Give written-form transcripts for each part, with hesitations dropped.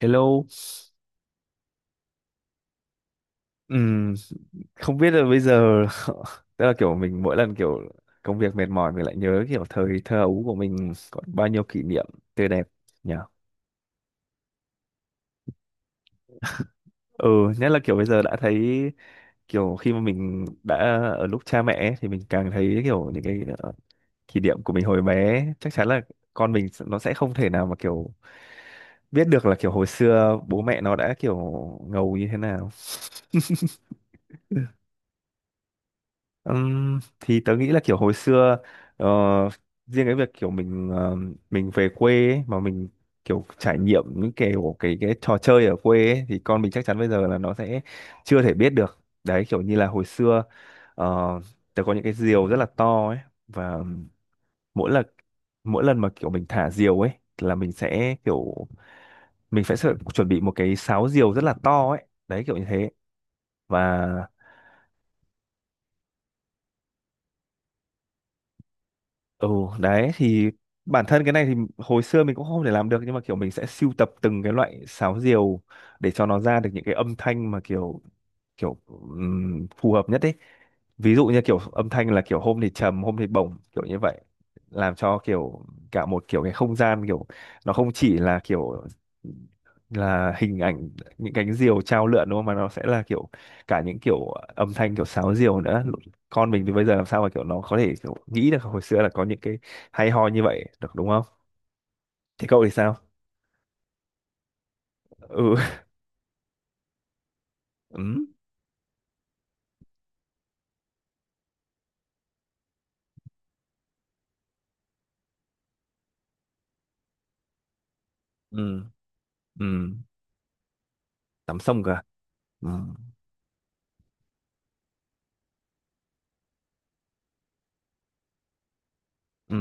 Hello, Ừm, không biết là bây giờ tức là kiểu mình mỗi lần kiểu công việc mệt mỏi mình lại nhớ kiểu thời thơ ấu của mình có bao nhiêu kỷ niệm tươi đẹp nhỉ? Ừ, nhất là kiểu bây giờ đã thấy kiểu khi mà mình đã ở lúc cha mẹ ấy, thì mình càng thấy kiểu những cái kỷ niệm của mình hồi bé chắc chắn là con mình nó sẽ không thể nào mà kiểu biết được là kiểu hồi xưa bố mẹ nó đã kiểu ngầu như thế nào. Thì tớ nghĩ là kiểu hồi xưa ờ, riêng cái việc kiểu mình mình về quê ấy, mà mình kiểu trải nghiệm những kiểu cái trò chơi ở quê ấy, thì con mình chắc chắn bây giờ là nó sẽ chưa thể biết được đấy kiểu như là hồi xưa ờ, tớ có những cái diều rất là to ấy và mỗi lần mỗi lần mà kiểu mình thả diều ấy là mình sẽ kiểu mình phải chuẩn bị một cái sáo diều rất là to ấy đấy kiểu như thế và Ừ đấy thì bản thân cái này thì hồi xưa mình cũng không thể làm được nhưng mà kiểu mình sẽ sưu tập từng cái loại sáo diều để cho nó ra được những cái âm thanh mà kiểu kiểu phù hợp nhất đấy. Ví dụ như kiểu âm thanh là kiểu hôm thì trầm, hôm thì bổng kiểu như vậy. Làm cho kiểu cả một kiểu cái không gian kiểu nó không chỉ là kiểu là hình ảnh những cánh diều chao lượn đúng không mà nó sẽ là kiểu cả những kiểu âm thanh kiểu sáo diều nữa. Con mình thì bây giờ làm sao mà kiểu nó có thể kiểu nghĩ được hồi xưa là có những cái hay ho như vậy được đúng không. Thế cậu thì sao. Ừ ừ ừ ừ tắm sông cả. Ừ ừ.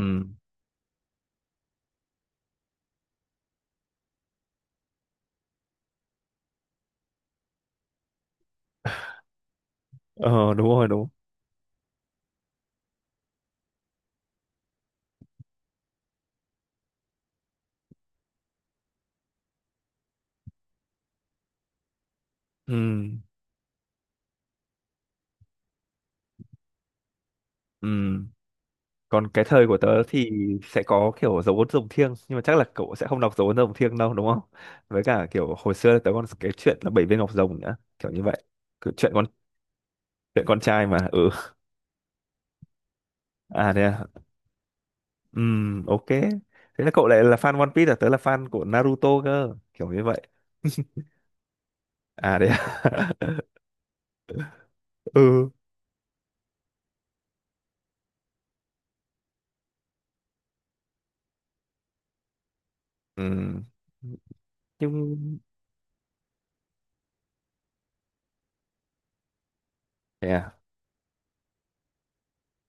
Ờ đúng rồi đúng. Ừ ừ còn cái thời của tớ thì sẽ có kiểu dấu ấn rồng thiêng nhưng mà chắc là cậu sẽ không đọc dấu ấn rồng thiêng đâu đúng không. Với cả kiểu hồi xưa là tớ còn cái chuyện là bảy viên ngọc rồng nữa kiểu như vậy. Kiểu chuyện con trai mà ừ. À thế à. Ok. Thế là cậu lại là fan One Piece à? Tớ là fan của Naruto cơ. Kiểu như vậy. À đấy à? Ừ. Ừm, Nhưng... Thế à?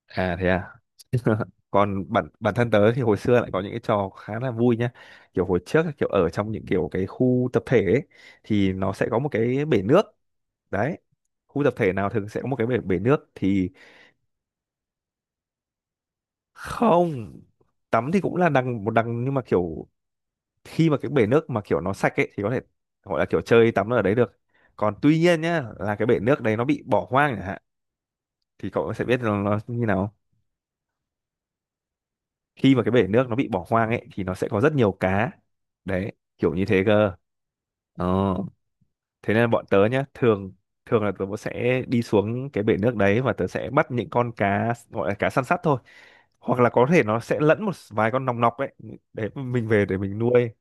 À thế à? Còn bản bản thân tớ thì hồi xưa lại có những cái trò khá là vui nhá. Kiểu hồi trước ấy, kiểu ở trong những kiểu cái khu tập thể ấy, thì nó sẽ có một cái bể nước. Đấy. Khu tập thể nào thường sẽ có một cái bể, bể nước thì không, tắm thì cũng là đằng một đằng nhưng mà kiểu khi mà cái bể nước mà kiểu nó sạch ấy thì có thể gọi là kiểu chơi tắm ở đấy được. Còn tuy nhiên nhá là cái bể nước đấy nó bị bỏ hoang chẳng hạn thì cậu sẽ biết là nó như nào. Khi mà cái bể nước nó bị bỏ hoang ấy thì nó sẽ có rất nhiều cá đấy kiểu như thế cơ ờ. Thế nên bọn tớ nhá thường thường là tớ sẽ đi xuống cái bể nước đấy và tớ sẽ bắt những con cá gọi là cá săn sắt thôi hoặc là có thể nó sẽ lẫn một vài con nòng nọc ấy để mình về để mình nuôi.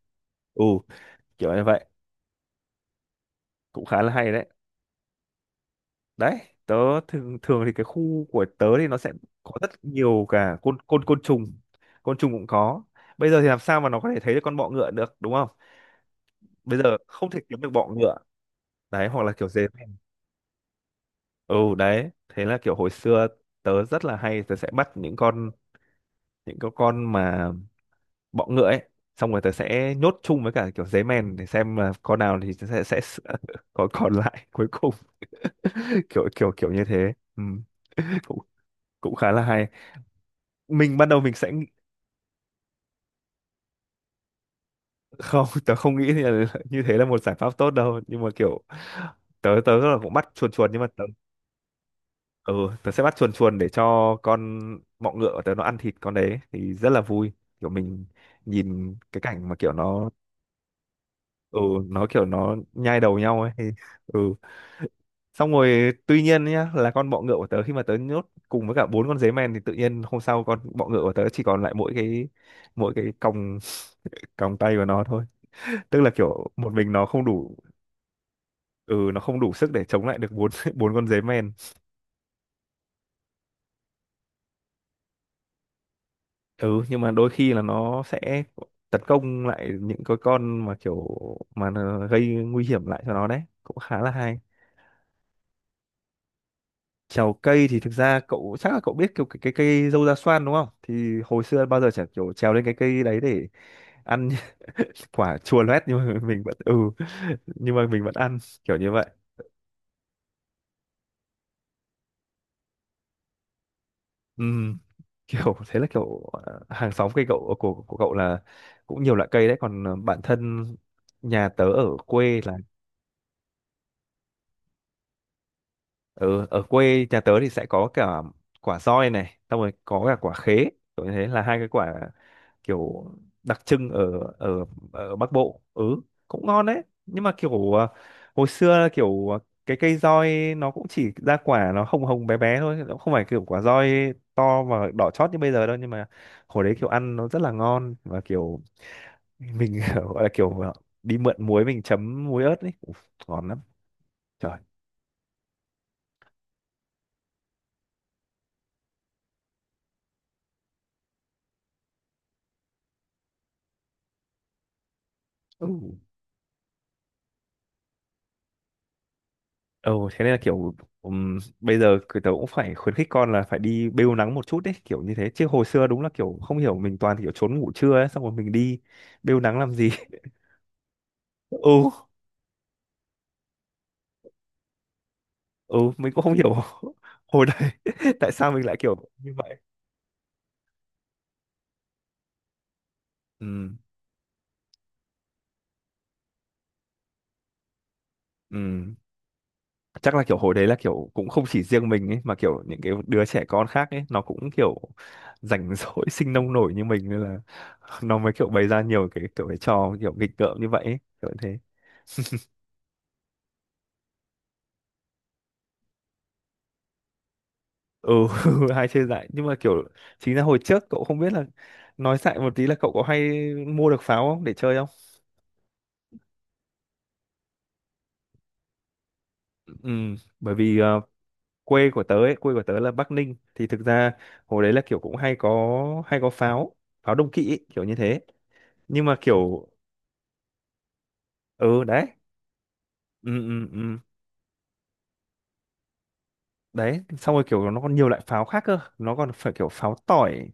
Ừ kiểu như vậy cũng khá là hay đấy. Đấy, tớ thường thường thì cái khu của tớ thì nó sẽ có rất nhiều cả côn côn côn trùng, côn trùng cũng có. Bây giờ thì làm sao mà nó có thể thấy được con bọ ngựa được đúng không. Bây giờ không thể kiếm được bọ ngựa đấy. Hoặc là kiểu dế mèn. Ừ đấy thế là kiểu hồi xưa tớ rất là hay tớ sẽ bắt những con những cái con mà bọ ngựa ấy xong rồi tớ sẽ nhốt chung với cả kiểu dế mèn để xem là con nào thì tớ sẽ còn còn lại cuối cùng kiểu kiểu kiểu như thế ừ. cũng cũng khá là hay. Mình ban đầu mình sẽ nghĩ- không tớ không nghĩ thì là như thế là một giải pháp tốt đâu nhưng mà kiểu tớ tớ là cũng bắt chuồn chuồn nhưng mà tớ ừ, tớ sẽ bắt chuồn chuồn để cho con bọ ngựa của tớ nó ăn thịt con đấy thì rất là vui kiểu mình nhìn cái cảnh mà kiểu nó ừ nó kiểu nó nhai đầu nhau ấy thì ừ xong rồi tuy nhiên nhá là con bọ ngựa của tớ khi mà tớ nhốt cùng với cả 4 con dế mèn thì tự nhiên hôm sau con bọ ngựa của tớ chỉ còn lại mỗi cái còng còng tay của nó thôi tức là kiểu một mình nó không đủ. Ừ nó không đủ sức để chống lại được bốn bốn con dế men. Ừ nhưng mà đôi khi là nó sẽ tấn công lại những cái con mà kiểu mà nó gây nguy hiểm lại cho nó đấy cũng khá là hay. Trèo cây thì thực ra cậu chắc là cậu biết kiểu cái cây dâu da xoan đúng không thì hồi xưa bao giờ chả kiểu trèo lên cái cây đấy để ăn quả chua loét nhưng mà mình vẫn ừ nhưng mà mình vẫn ăn kiểu như vậy. Ừm, Kiểu thế là kiểu hàng xóm cây cậu của cậu là cũng nhiều loại cây đấy còn bản thân nhà tớ ở quê là ừ, ở quê nhà tớ thì sẽ có cả quả roi này xong rồi có cả quả khế kiểu như thế là hai cái quả kiểu đặc trưng ở ở ở Bắc Bộ. Ừ cũng ngon đấy nhưng mà kiểu hồi xưa kiểu cái cây roi nó cũng chỉ ra quả nó hồng hồng bé bé thôi nó không phải kiểu quả roi to và đỏ chót như bây giờ đâu nhưng mà hồi đấy kiểu ăn nó rất là ngon và kiểu mình gọi là kiểu đi mượn muối mình chấm muối ớt ấy Uf, ngon lắm trời ừ. Ừ, thế nên là kiểu bây giờ cứ tớ cũng phải khuyến khích con là phải đi bêu nắng một chút đấy kiểu như thế chứ hồi xưa đúng là kiểu không hiểu mình toàn kiểu trốn ngủ trưa ấy xong rồi mình đi bêu nắng làm gì ừ ừ mình cũng không hiểu hồi đấy tại sao mình lại kiểu như vậy ừ ừ chắc là kiểu hồi đấy là kiểu cũng không chỉ riêng mình ấy mà kiểu những cái đứa trẻ con khác ấy nó cũng kiểu rảnh rỗi sinh nông nổi như mình nên là nó mới kiểu bày ra nhiều cái kiểu cái trò kiểu nghịch ngợm như vậy ấy, kiểu như thế. Ừ hay chơi dại nhưng mà kiểu chính ra hồi trước cậu không biết là nói dại một tí là cậu có hay mua được pháo không để chơi không. Ừ bởi vì quê của tớ ấy quê của tớ là Bắc Ninh thì thực ra hồi đấy là kiểu cũng hay có pháo, pháo đông kỵ ấy, kiểu như thế nhưng mà kiểu ừ đấy ừ ừ ừ đấy xong rồi kiểu nó còn nhiều loại pháo khác cơ nó còn phải kiểu pháo tỏi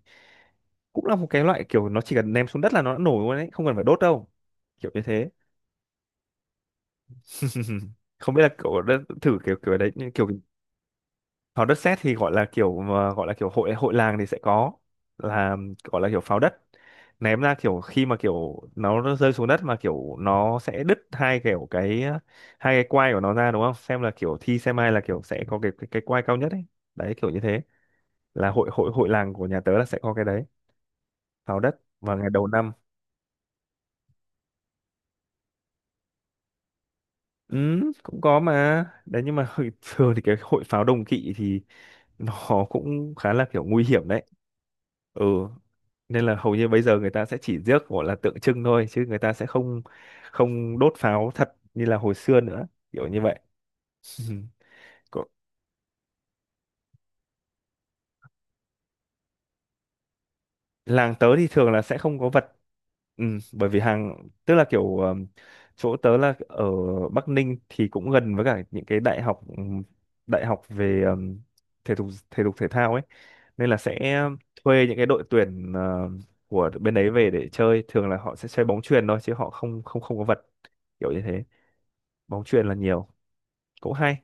cũng là một cái loại kiểu nó chỉ cần ném xuống đất là nó đã nổ luôn ấy không cần phải đốt đâu kiểu như thế. Không biết là kiểu đất, thử kiểu kiểu đấy như kiểu pháo đất sét thì gọi là kiểu mà gọi là kiểu hội hội làng thì sẽ có là gọi là kiểu pháo đất ném ra kiểu khi mà kiểu nó rơi xuống đất mà kiểu nó sẽ đứt hai kiểu hai cái quai của nó ra đúng không xem là kiểu thi xem ai là kiểu sẽ có cái quai cao nhất ấy đấy kiểu như thế là hội hội hội làng của nhà tớ là sẽ có cái đấy pháo đất vào ngày đầu năm. Ừ, cũng có mà đấy nhưng mà thường thì cái hội pháo đồng kỵ thì nó cũng khá là kiểu nguy hiểm đấy. Ừ nên là hầu như bây giờ người ta sẽ chỉ rước gọi là tượng trưng thôi chứ người ta sẽ không không đốt pháo thật như là hồi xưa nữa kiểu như vậy. Có- làng tớ thì thường là sẽ không có vật. Ừ, bởi vì hàng tức là kiểu chỗ tớ là ở Bắc Ninh thì cũng gần với cả những cái đại học về thể dục thể thao ấy nên là sẽ thuê những cái đội tuyển của bên đấy về để chơi thường là họ sẽ chơi bóng chuyền thôi chứ họ không không không có vật kiểu như thế. Bóng chuyền là nhiều cũng hay.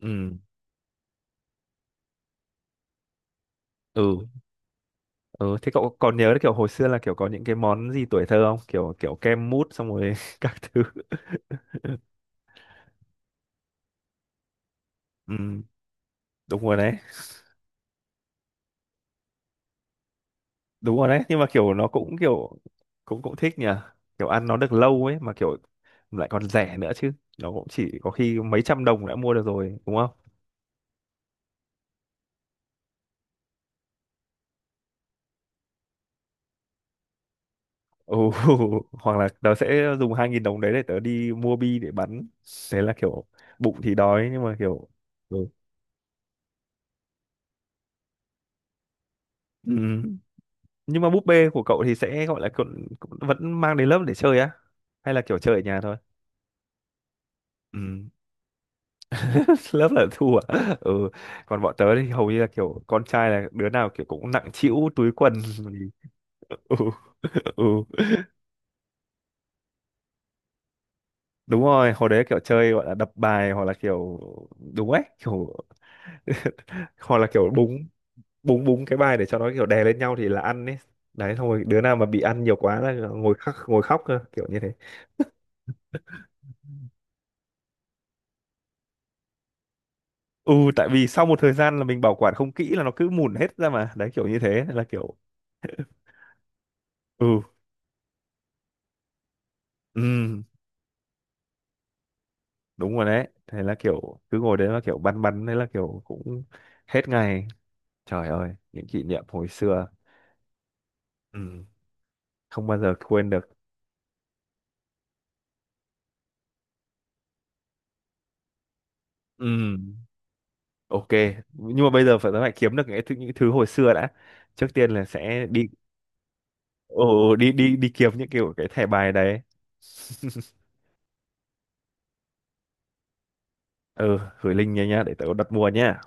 Ừ ừ ừ thế cậu còn nhớ kiểu hồi xưa là kiểu có những cái món gì tuổi thơ không kiểu kiểu kem mút xong rồi các thứ. Ừ, đúng rồi đấy đúng rồi đấy nhưng mà kiểu nó cũng kiểu cũng cũng thích nhỉ kiểu ăn nó được lâu ấy mà kiểu lại còn rẻ nữa chứ nó cũng chỉ có khi mấy trăm đồng đã mua được rồi đúng không. Ồ, hoặc là tớ sẽ dùng 2.000 đồng đấy để tớ đi mua bi để bắn thế là kiểu bụng thì đói nhưng mà kiểu ừ. Ừ. Nhưng mà búp bê của cậu thì sẽ gọi là cậu, vẫn mang đến lớp để chơi á hay là kiểu chơi ở nhà thôi. Ừ. Lớp là thu à ừ còn bọn tớ thì hầu như là kiểu con trai là đứa nào kiểu cũng nặng trĩu túi quần ừ ừ đúng rồi hồi đấy kiểu chơi gọi là đập bài hoặc là kiểu đúng ấy kiểu hoặc là kiểu búng búng búng cái bài để cho nó kiểu đè lên nhau thì là ăn ấy đấy xong rồi đứa nào mà bị ăn nhiều quá là ngồi khóc cơ kiểu như thế. Ừ tại vì sau một thời gian là mình bảo quản không kỹ là nó cứ mùn hết ra mà đấy kiểu như thế nên là kiểu ừ ừ đúng rồi đấy thế là kiểu cứ ngồi đấy là kiểu băn băn đấy là kiểu cũng hết ngày trời ơi những kỷ niệm hồi xưa. Ừ. Không bao giờ quên được. Ừ. Ok nhưng mà bây giờ phải phải kiếm được những thứ hồi xưa đã trước tiên là sẽ đi. Ồ đi đi đi kiếm những kiểu cái thẻ bài đấy ừ gửi link nha nhá để tớ đặt mua nhá